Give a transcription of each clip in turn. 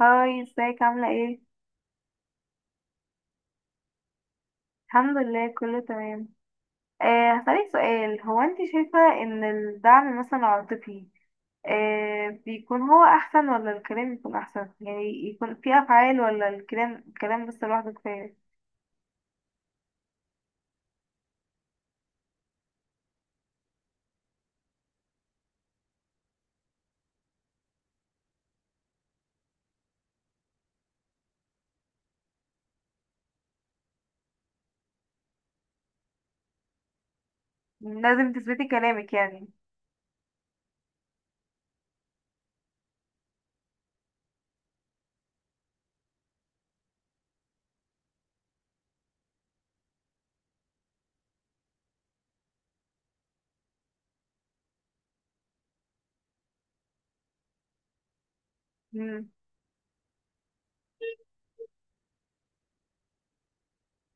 هاي، ازيك؟ عاملة ايه؟ الحمد لله كله تمام. هسألك سؤال. هو انت شايفة ان الدعم مثلا العاطفي بيكون هو احسن ولا الكلام يكون احسن؟ يعني يكون في افعال ولا الكلام بس لوحده كفاية؟ لازم تثبتي كلامك يعني. مم،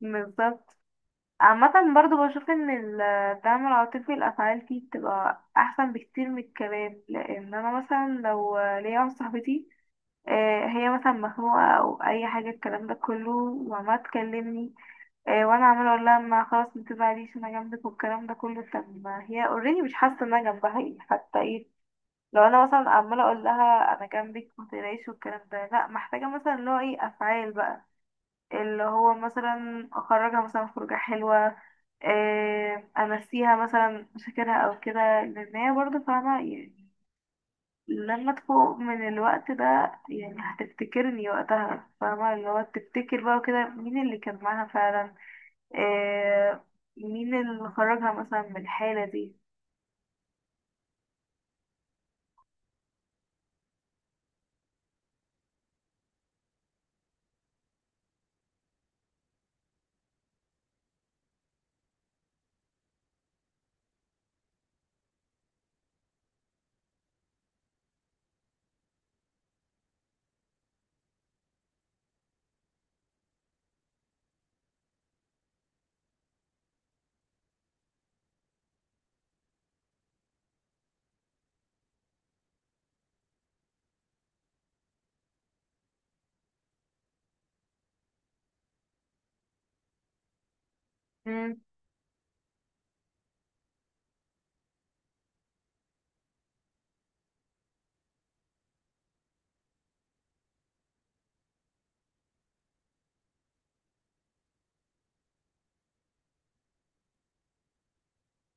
بالظبط. عامة برضو بشوف ان الدعم العاطفي الافعال فيه بتبقى احسن بكتير من الكلام، لان انا مثلا لو ليا واحدة صاحبتي هي مثلا مخنوقة أو أي حاجة، الكلام ده كله وعمالة تكلمني، وأنا عمالة أقول لها ما خلاص متزعليش أنا جنبك والكلام ده كله. طب ما هي اوريدي مش حاسة إن أنا جنبها، إيه حتى إيه. لو أنا مثلا عمالة أقول لها أنا جنبك متقلقيش والكلام ده، لأ، محتاجة مثلا اللي هو إيه، أفعال بقى. اللي هو مثلا أخرجها مثلا خروجة حلوة، أمسيها مثلا مشاكلها أو كده، لأن هي برضه فاهمة يعني لما تفوق من الوقت ده، يعني هتفتكرني وقتها، فاهمة اللي هو تفتكر بقى وكده مين اللي كان معاها فعلا. آه. مين اللي خرجها مثلا من الحالة دي. مم.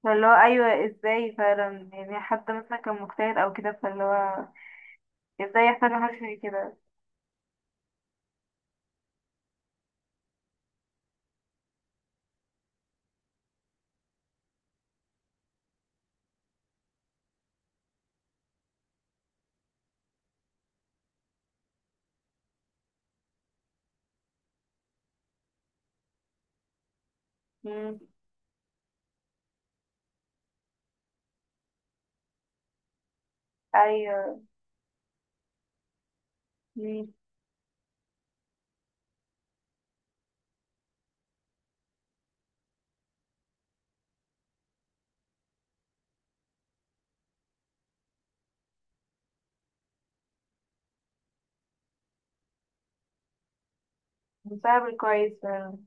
فاللي هو أيوة، ازاي فعلا؟ يعني حد مثلا كان مجتهد أو كده، فاللي هو ازاي يحصل له حاجة زي كده. مم. أيوة. مم. مساعد كويس فعلا.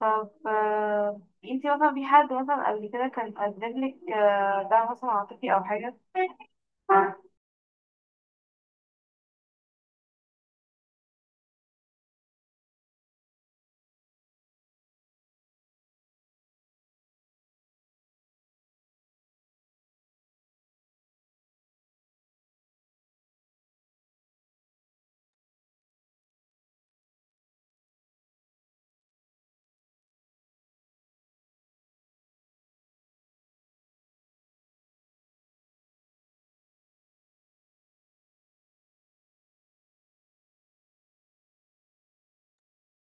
طب، انتي مثلا في حد مثلا قبل كده كان قدملك دعم مثلا عاطفي أو حاجة؟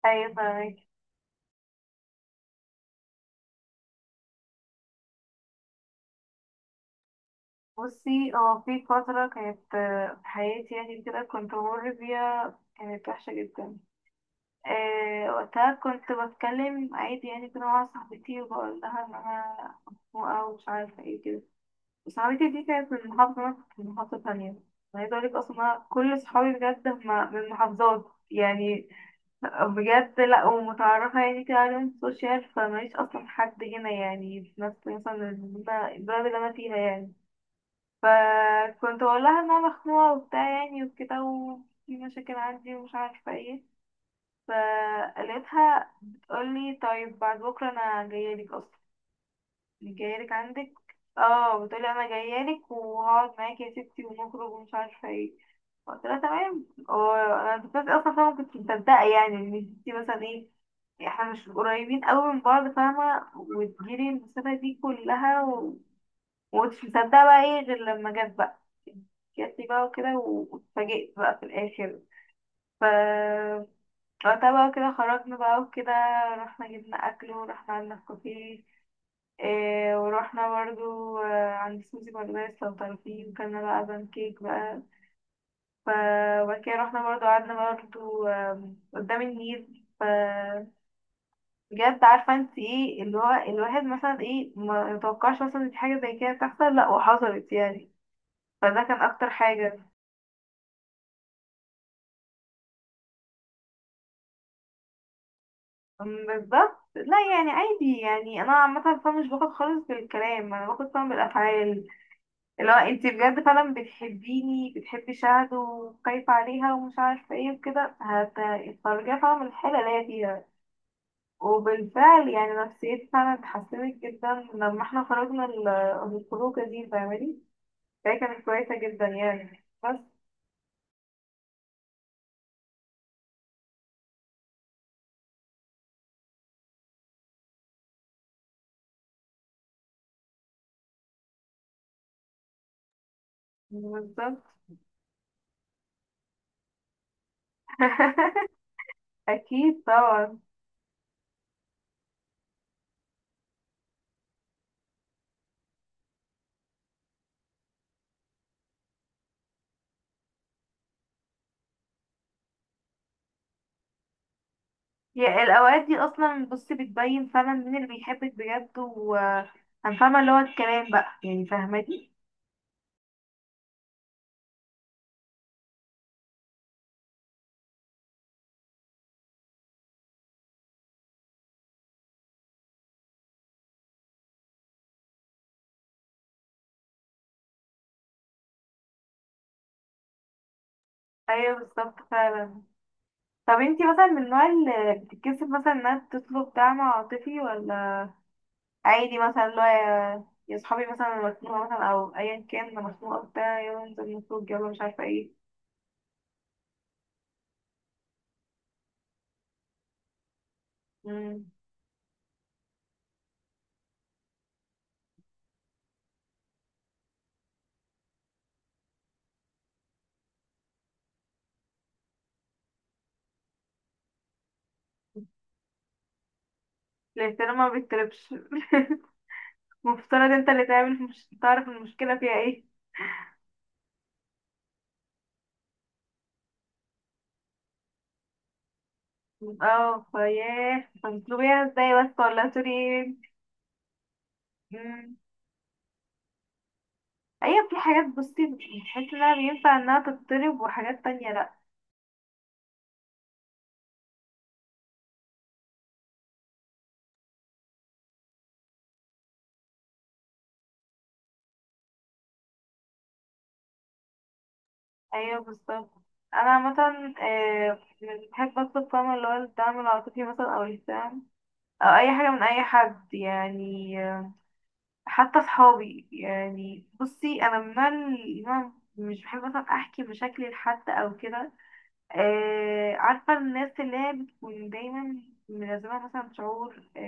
أيوة فاهمك. بصي اه، في فترة كانت في حياتي يعني كده كنت بمر بيها، كانت وحشة جدا. آه، وقتها كنت بتكلم عادي يعني كده مع صاحبتي وبقول لها ان انا مخنوقة ومش عارفة ايه كده. صاحبتي دي كانت من محافظة، انا كنت من محافظة تانية. أنا عايزة اقولك اصلا انا كل صحابي بجد هم من محافظات يعني. بجد، لا، ومتعرفة يعني كده على السوشيال، فماليش اصلا حد هنا يعني في نفس مثلا البلد اللي انا فيها يعني. فكنت بقول لها ان انا مخنوقه وبتاع يعني وكده وفي مشاكل عندي ومش عارفه ايه. فقالتها بتقولي طيب، بعد بكره انا جايه لك اصلا، يعني جايه لك عندك. اه، بتقولي انا جايه لك وهقعد معاكي يا ستي ونخرج ومش عارفه ايه. قلت لها تمام. وانا كنت اصلا فاهمه، كنت مصدقه يعني ان ستي مثلا ايه، احنا مش قريبين قوي من بعض فاهمه وتجيلي المسافه دي كلها. ومكنتش مصدقة بقى ايه غير لما جت بقى. جات لي بقى وكده واتفاجئت بقى في الآخر. ف وقتها بقى كده خرجنا بقى وكده. رحنا جبنا أكل ورحنا قعدنا في كافيه، إيه، ورحنا برضو عند سوزي بردايس لو تعرفيه، وكلنا بقى بان كيك بقى. ف وبعد كده رحنا برضو قعدنا برضو، قدام النيل. بجد عارفة انت ايه اللي هو الواحد مثلا ايه ما يتوقعش مثلا إن في حاجة زي كده تحصل، لا وحصلت يعني. فده كان أكتر حاجة. أم، بالظبط. لا يعني عادي، يعني انا عامه فعلا مش باخد خالص بالكلام، انا باخد فعلا بالافعال. اللي هو انت بجد فعلا بتحبيني، بتحبي شهد وخايفه عليها ومش عارفه ايه وكده، هتخرجيها فعلا من الحاله اللي هي فيها. وبالفعل يعني نفسيتي فعلا اتحسنت جدا لما احنا خرجنا الخروجه دي، فاهماني؟ فهي كانت كويسه جدا يعني، بس بالظبط. اكيد طبعا. يا الأوقات دي أصلا بصي بتبين فعلا مين اللي بيحبك بجد و... انا فاهمه اللي هو الكلام بقى يعني، فاهماني؟ ايوه بالظبط فعلا. طب انتي مثلا من النوع اللي بتتكسف مثلا انها تطلب دعم عاطفي، ولا عادي مثلا اللي هو يا صحابي مثلا أنا مخنوقه مثلا، او ايا كان انا مخنوقه بتاع يلا ننزل نخرج يلا مش عارفه ايه. امم. الاهتمام ما بيتطلبش. مفترض انت اللي تعمل، مش تعرف المشكله فيها ايه. اه، فياه هتطلبيها ازاي بس؟ ولا سوري ايه. مم. ايوه، في حاجات بصي بتحس انها بينفع انها تتطلب، وحاجات تانية لأ. ايوه بالظبط. انا عامه يعني بحب اطلب، فاهمة اللي هو الدعم العاطفي مثلا او الاهتمام او اي حاجه من اي حد يعني. حتى صحابي يعني بصي، انا من النوع اللي أنا مش بحب مثلا احكي مشاكلي لحد او كده. عارفه الناس اللي هي بتكون دايما ملازمها مثلا شعور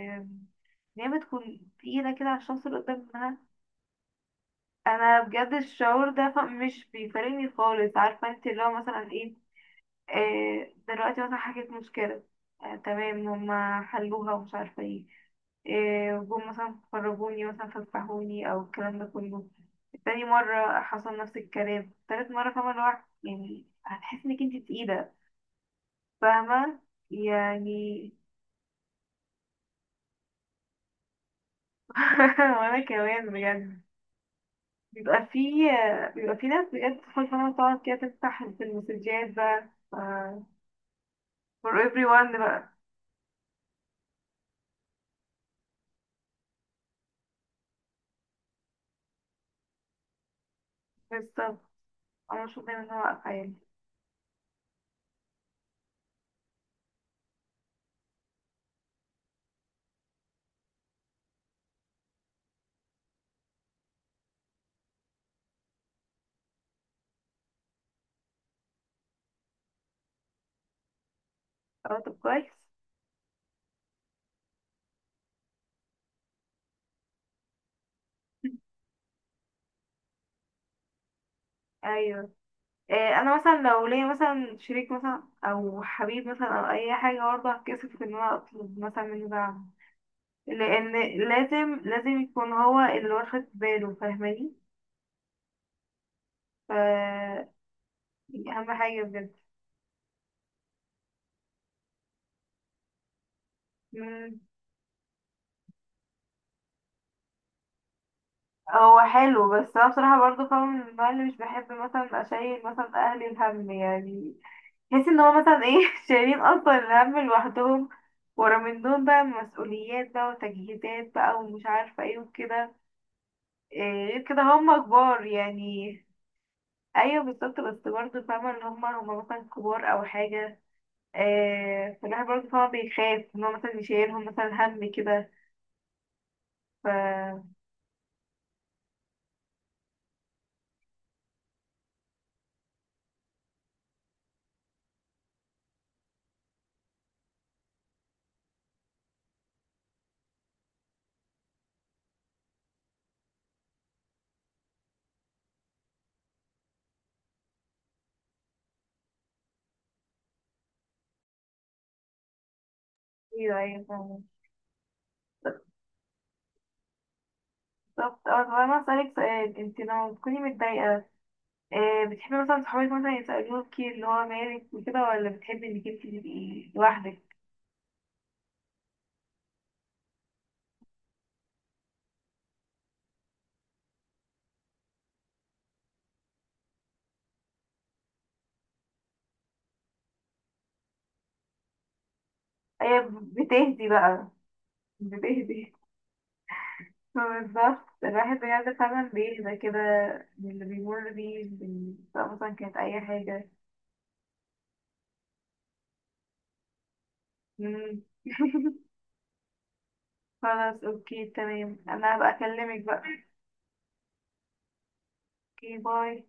ان هي بتكون تقيله كده على الشخص اللي قدامها. انا بجد الشعور ده مش بيفارقني خالص، عارفه انت اللي هو مثلا ايه، دلوقتي مثلا حكيت مشكلة، تمام هما حلوها ومش عارفة ايه، جم مثلا خرجوني مثلا فسحوني أو الكلام ده كله. تاني مرة حصل نفس الكلام، تالت مرة، فاهمة اللي هو يعني هتحس انك انت تقيلة. فاهمة يعني. وانا كمان بجد بيبقى في بيبقى في ناس بجد تدخل فاهمة تقعد كده تفتح في المسجات بقى، for everyone بقى. بالظبط. انا مش دايما ان انا واقفة يعني. اه طب كويس. ايوه. إيه، انا مثلا لو ليا مثلا شريك مثلا او حبيب مثلا او اي حاجه، برضه هتكسف ان انا اطلب مثلا منه دعم. لان لازم لازم يكون هو اللي واخد باله، فاهماني؟ ف دي اهم حاجه بجد. مم. هو حلو، بس انا بصراحه برضه فاهمه من النوع اللي مش بحب مثلا اشيل مثلا اهلي الهم يعني. بحس ان هو مثلا ايه شايلين اصلا الهم لوحدهم، ورا من دول بقى مسؤوليات بقى وتجهيزات بقى ومش عارفه ايه وكده. إيه، غير كده هم كبار يعني. ايوه بالظبط، بس برضه فاهمة اللي هم مثلا كبار او حاجة. إيه، فالواحد برضه فاهمة بيخاف ان هو مثلا يشيلهم مثلا هم كده. ف ايوه ايوه فاهمة. بالظبط. اه طب انا هسألك سؤال، انت لما بتكوني متضايقة، إيه، بتحبي مثلا صحابك مثلا يسألوكي اللي هو مالك وكده، ولا بتحبي انك انت تبقي لوحدك؟ ايه بتهدي بقى. بتهدي. بالظبط، الواحد بجد فعلا بيهدى كده من اللي بيمر بيه سواء مثلا كانت أي حاجة. مم. خلاص أوكي تمام، أنا هبقى أكلمك بقى. أوكي، باي.